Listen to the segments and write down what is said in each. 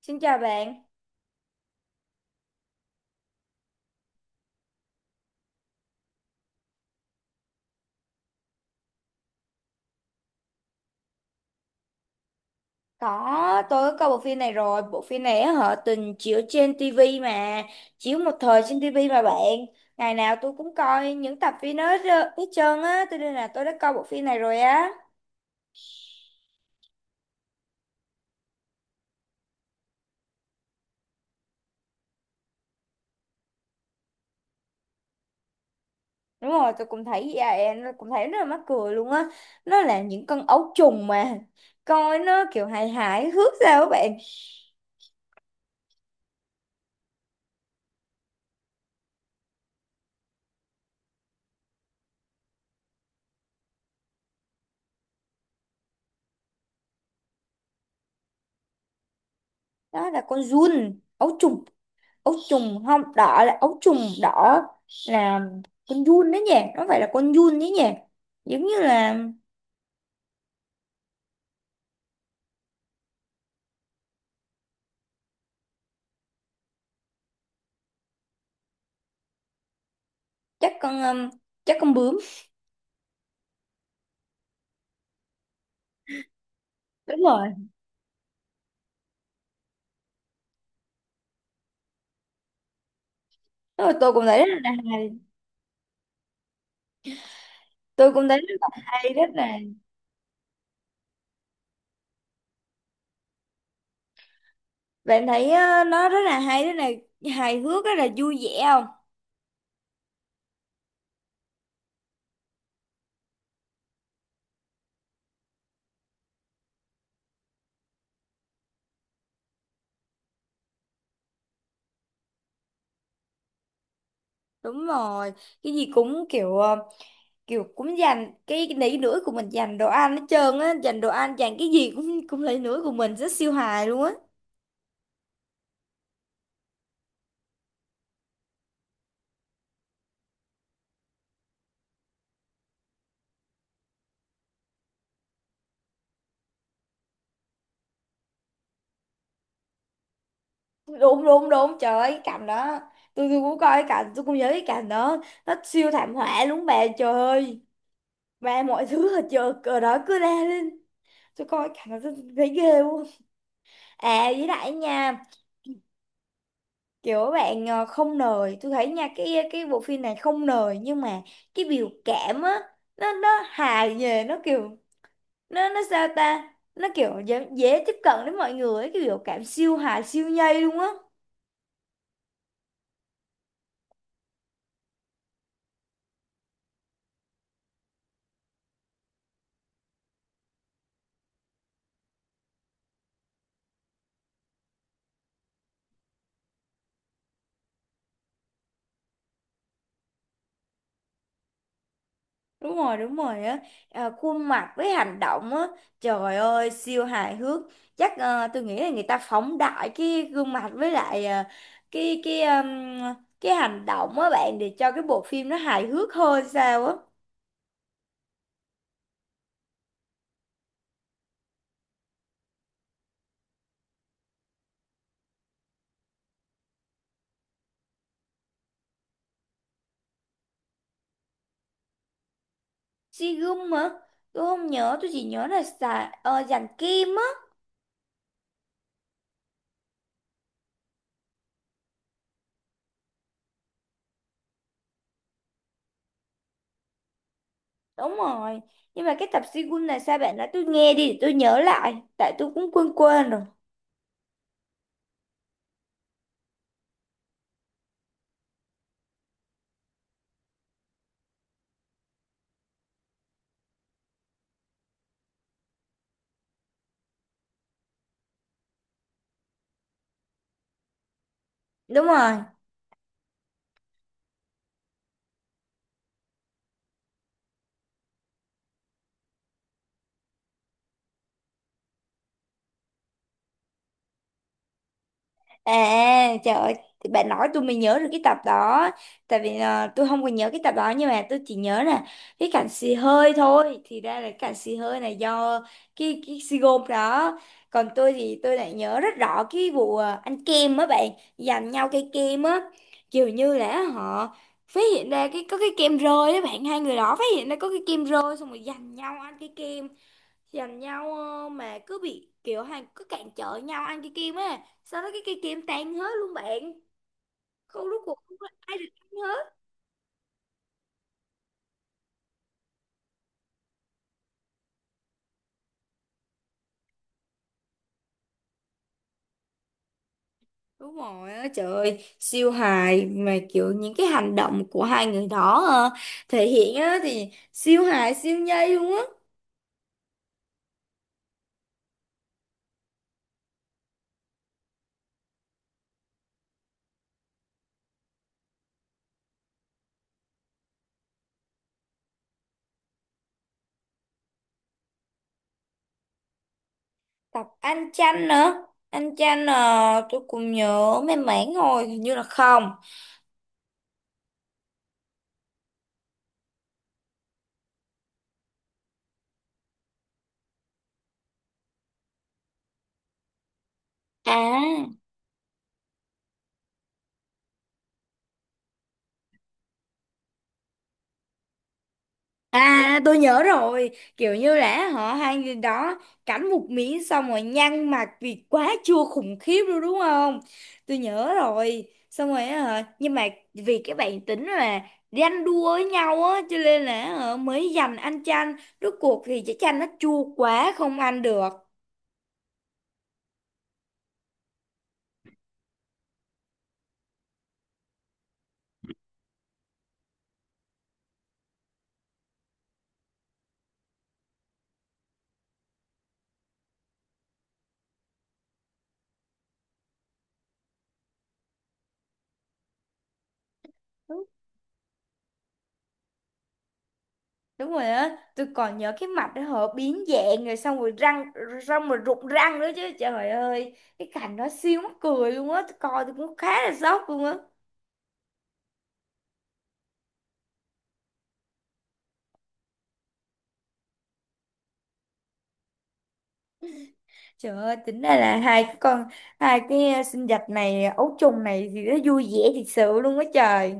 Xin chào bạn. Có, tôi có coi bộ phim này rồi. Bộ phim này á, họ từng chiếu trên tivi mà. Chiếu một thời trên tivi mà bạn. Ngày nào tôi cũng coi những tập phim đó hết trơn á. Tôi nên là tôi đã coi bộ phim này rồi á. Đúng rồi, tôi cũng thấy vậy. Nó cũng thấy rất là mắc cười luôn á. Nó là những con ấu trùng mà. Coi nó kiểu hài hài hước sao các bạn. Đó là con giun, ấu trùng. Ấu trùng không đỏ là ấu trùng đỏ là con giun đấy nhỉ, nó phải là con giun đấy nhỉ, giống như là chắc con um, chắc con bướm. Đúng rồi. Đúng rồi, tôi cũng thấy rất là hay, tôi cũng thấy rất là hay, rất là. Bạn thấy nó rất là hay, rất là hài hước, rất là vui vẻ không? Đúng rồi, cái gì cũng kiểu kiểu cũng dành cái nỉ nữa của mình, dành đồ ăn hết trơn á, dành đồ ăn, dành cái gì cũng cũng lấy nữa của mình, rất siêu hài luôn á. Đúng đúng đúng, trời ơi cái cảnh đó, tôi cũng coi cái cảnh, tôi cũng nhớ cái cảnh đó, nó siêu thảm họa luôn bà, trời ơi mà mọi thứ ở chợ ở đó cứ la lên. Tôi coi cái cảnh đó tôi thấy ghê luôn. À với lại nha, kiểu bạn không nời tôi thấy nha, cái bộ phim này không nời nhưng mà cái biểu cảm á, nó hài về nó kiểu, nó sao ta, nó kiểu dễ tiếp cận đến mọi người ấy, cái biểu cảm siêu hài siêu nhây luôn á. Đúng rồi, đúng rồi á. À, khuôn mặt với hành động á, trời ơi siêu hài hước. Chắc tôi nghĩ là người ta phóng đại cái gương mặt với lại cái cái ừm, cái hành động á bạn, để cho cái bộ phim nó hài hước hơn sao á. Sigum hả? Tôi không nhớ, tôi chỉ nhớ là xà, dàn kim á. Đúng rồi, nhưng mà cái tập Sigum này sao bạn nói tôi nghe đi để tôi nhớ lại, tại tôi cũng quên quên rồi. Đúng rồi. À trời ơi, thì bạn nói tôi mới nhớ được cái tập đó. Tại vì tôi không còn nhớ cái tập đó, nhưng mà tôi chỉ nhớ là cái cảnh xì hơi thôi. Thì ra là cái cảnh xì hơi này do cái xì gôm đó. Còn tôi thì tôi lại nhớ rất rõ cái vụ ăn kem á bạn, giành nhau cây kem á. Kiểu như là họ phát hiện ra cái có cái kem rơi á bạn, hai người đó phát hiện ra có cái kem rơi, xong rồi giành nhau ăn cái kem, giành nhau mà cứ bị kiểu hàng cứ cản trở nhau ăn cái kim á, sau đó cái cây kim tan hết luôn bạn, không, rút cuộc không có ai được ăn hết. Đúng rồi á, trời ơi siêu hài, mà kiểu những cái hành động của hai người đó thể hiện á thì siêu hài siêu nhây luôn á. Tập anh chanh nữa. Anh chanh tôi cũng nhớ mấy mảng rồi, hình như là không. À. À tôi nhớ rồi. Kiểu như là họ, hai người đó cắn một miếng xong rồi nhăn mặt vì quá chua khủng khiếp luôn đúng không. Tôi nhớ rồi. Xong rồi á hả, nhưng mà vì cái bản tính là ganh đua với nhau á, cho nên là hả, mới giành ăn chanh. Rốt cuộc thì cái chanh nó chua quá không ăn được. Đúng, đúng rồi á. Tôi còn nhớ cái mặt đó họ biến dạng, rồi xong rồi răng, xong rồi rụng răng nữa chứ. Trời ơi, cái cảnh đó siêu mắc cười luôn á, tôi coi tôi cũng khá là sốc luôn á. Trời ơi, tính ra là hai cái sinh vật này ấu trùng này thì nó vui vẻ thiệt sự luôn á trời.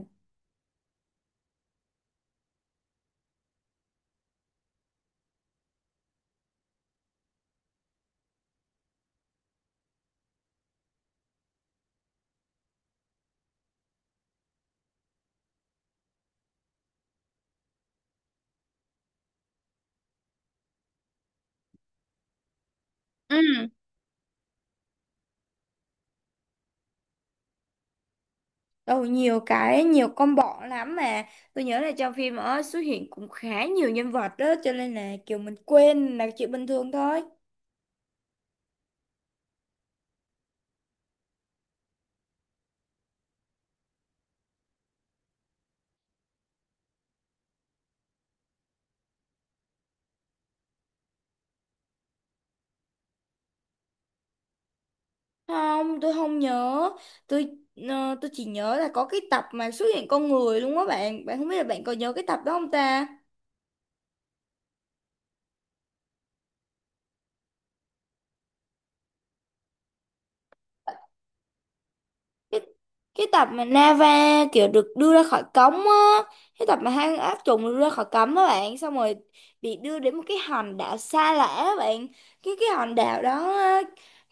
Ừ, ừ, nhiều cái, nhiều combo lắm mà. Tôi nhớ là trong phim ở xuất hiện cũng khá nhiều nhân vật đó, cho nên là kiểu mình quên là chuyện bình thường thôi. Không, tôi không nhớ. Tôi tôi chỉ nhớ là có cái tập mà xuất hiện con người luôn á bạn, bạn không biết là bạn có nhớ cái tập đó không ta? cái, cái tập mà Nava kiểu được đưa ra khỏi cống á, cái tập mà hang ác trùng được đưa ra khỏi cống đó bạn, xong rồi bị đưa đến một cái hòn đảo xa lạ á bạn. Cái hòn đảo đó á,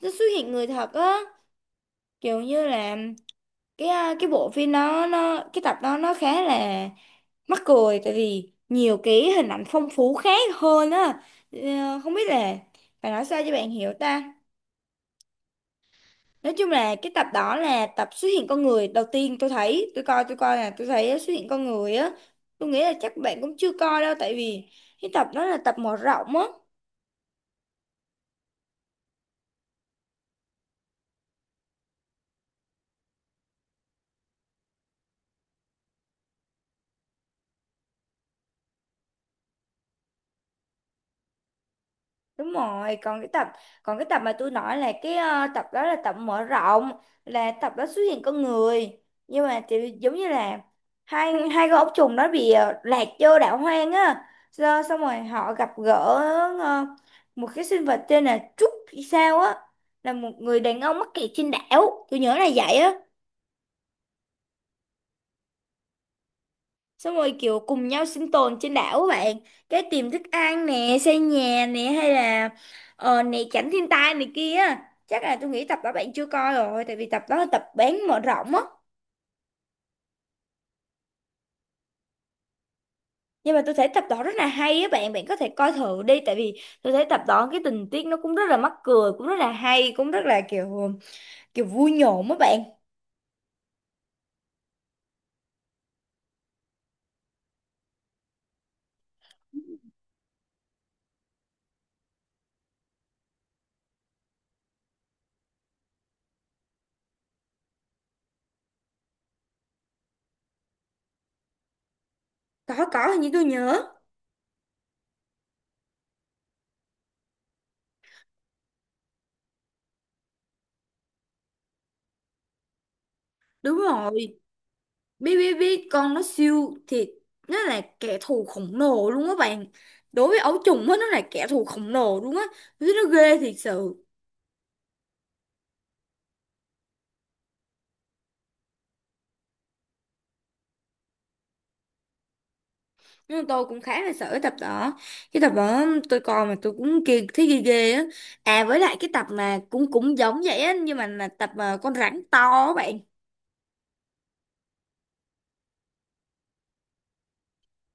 nó xuất hiện người thật á, kiểu như là cái cái bộ phim đó nó, cái tập đó nó khá là mắc cười, tại vì nhiều cái hình ảnh phong phú khác hơn á. Ờ, Không biết là phải nói sao cho bạn hiểu ta, nói chung là cái tập đó là tập xuất hiện con người đầu tiên, tôi thấy tôi coi, là tôi thấy xuất hiện con người á. Tôi nghĩ là chắc bạn cũng chưa coi đâu, tại vì cái tập đó là tập mở rộng á. Đúng rồi, còn cái tập mà tôi nói là cái tập đó là tập mở rộng, là tập đó xuất hiện con người, nhưng mà thì giống như là hai hai con ốc trùng đó bị lạc vô đảo hoang á. Rồi, xong rồi họ gặp gỡ ờ, một cái sinh vật tên là Trúc hay sao á, là một người đàn ông mắc kẹt trên đảo, tôi nhớ là vậy á. Xong rồi kiểu cùng nhau sinh tồn trên đảo các bạn, cái tìm thức ăn nè, xây nhà nè, hay là ờ nè tránh thiên tai này kia. Chắc là tôi nghĩ tập đó bạn chưa coi rồi, tại vì tập đó là tập bán mở rộng á. Nhưng mà tôi thấy tập đó rất là hay á bạn, bạn có thể coi thử đi, tại vì tôi thấy tập đó cái tình tiết nó cũng rất là mắc cười, cũng rất là hay, cũng rất là kiểu, kiểu vui nhộn á bạn. Có hình như tôi nhớ. Đúng rồi. Biết biết biết, con nó siêu thì, nó là kẻ thù khổng lồ luôn á bạn, đối với ấu trùng á nó là kẻ thù khổng lồ luôn á. Tôi thấy nó ghê thiệt sự. Nhưng mà tôi cũng khá là sợ cái tập đó, cái tập đó tôi coi mà tôi cũng kia thấy ghê ghê á. À với lại cái tập mà cũng cũng giống vậy á, nhưng mà là tập mà con rắn to á bạn.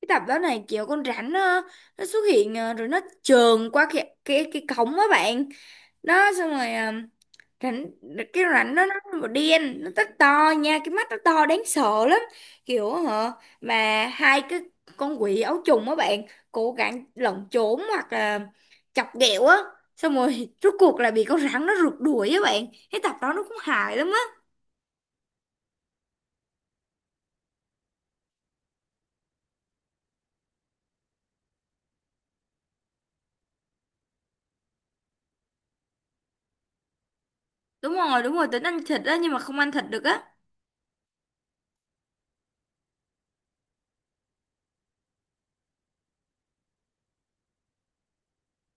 Cái tập đó này kiểu con rắn nó xuất hiện rồi nó trườn qua cái cổng á bạn. Đó xong rồi rảnh, cái rảnh nó đen, nó rất to nha, cái mắt nó to đáng sợ lắm, kiểu hả, mà hai cái con quỷ áo trùng á bạn cố gắng lẩn trốn hoặc là chọc ghẹo á, xong rồi rốt cuộc là bị con rắn nó rượt đuổi á bạn. Cái tập đó nó cũng hài lắm á. Đúng rồi, đúng rồi tính ăn thịt á, nhưng mà không ăn thịt được á.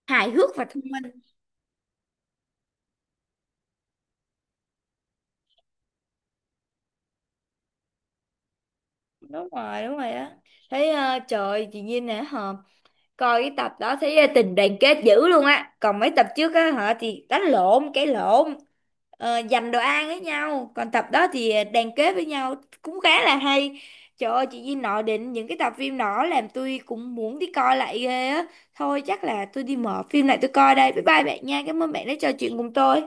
Hài hước và thông minh. Đúng rồi, đúng rồi á. Thấy trời chị Nhiên nè hả, coi cái tập đó thấy tình đoàn kết dữ luôn á, còn mấy tập trước á hả thì đánh lộn cái lộn, dành đồ ăn với nhau, còn tập đó thì đoàn kết với nhau, cũng khá là hay. Trời ơi chị Duy nói đến những cái tập phim đó làm tôi cũng muốn đi coi lại ghê á. Thôi chắc là tôi đi mở phim lại tôi coi đây, bye bye bạn nha, cảm ơn bạn đã trò chuyện cùng tôi.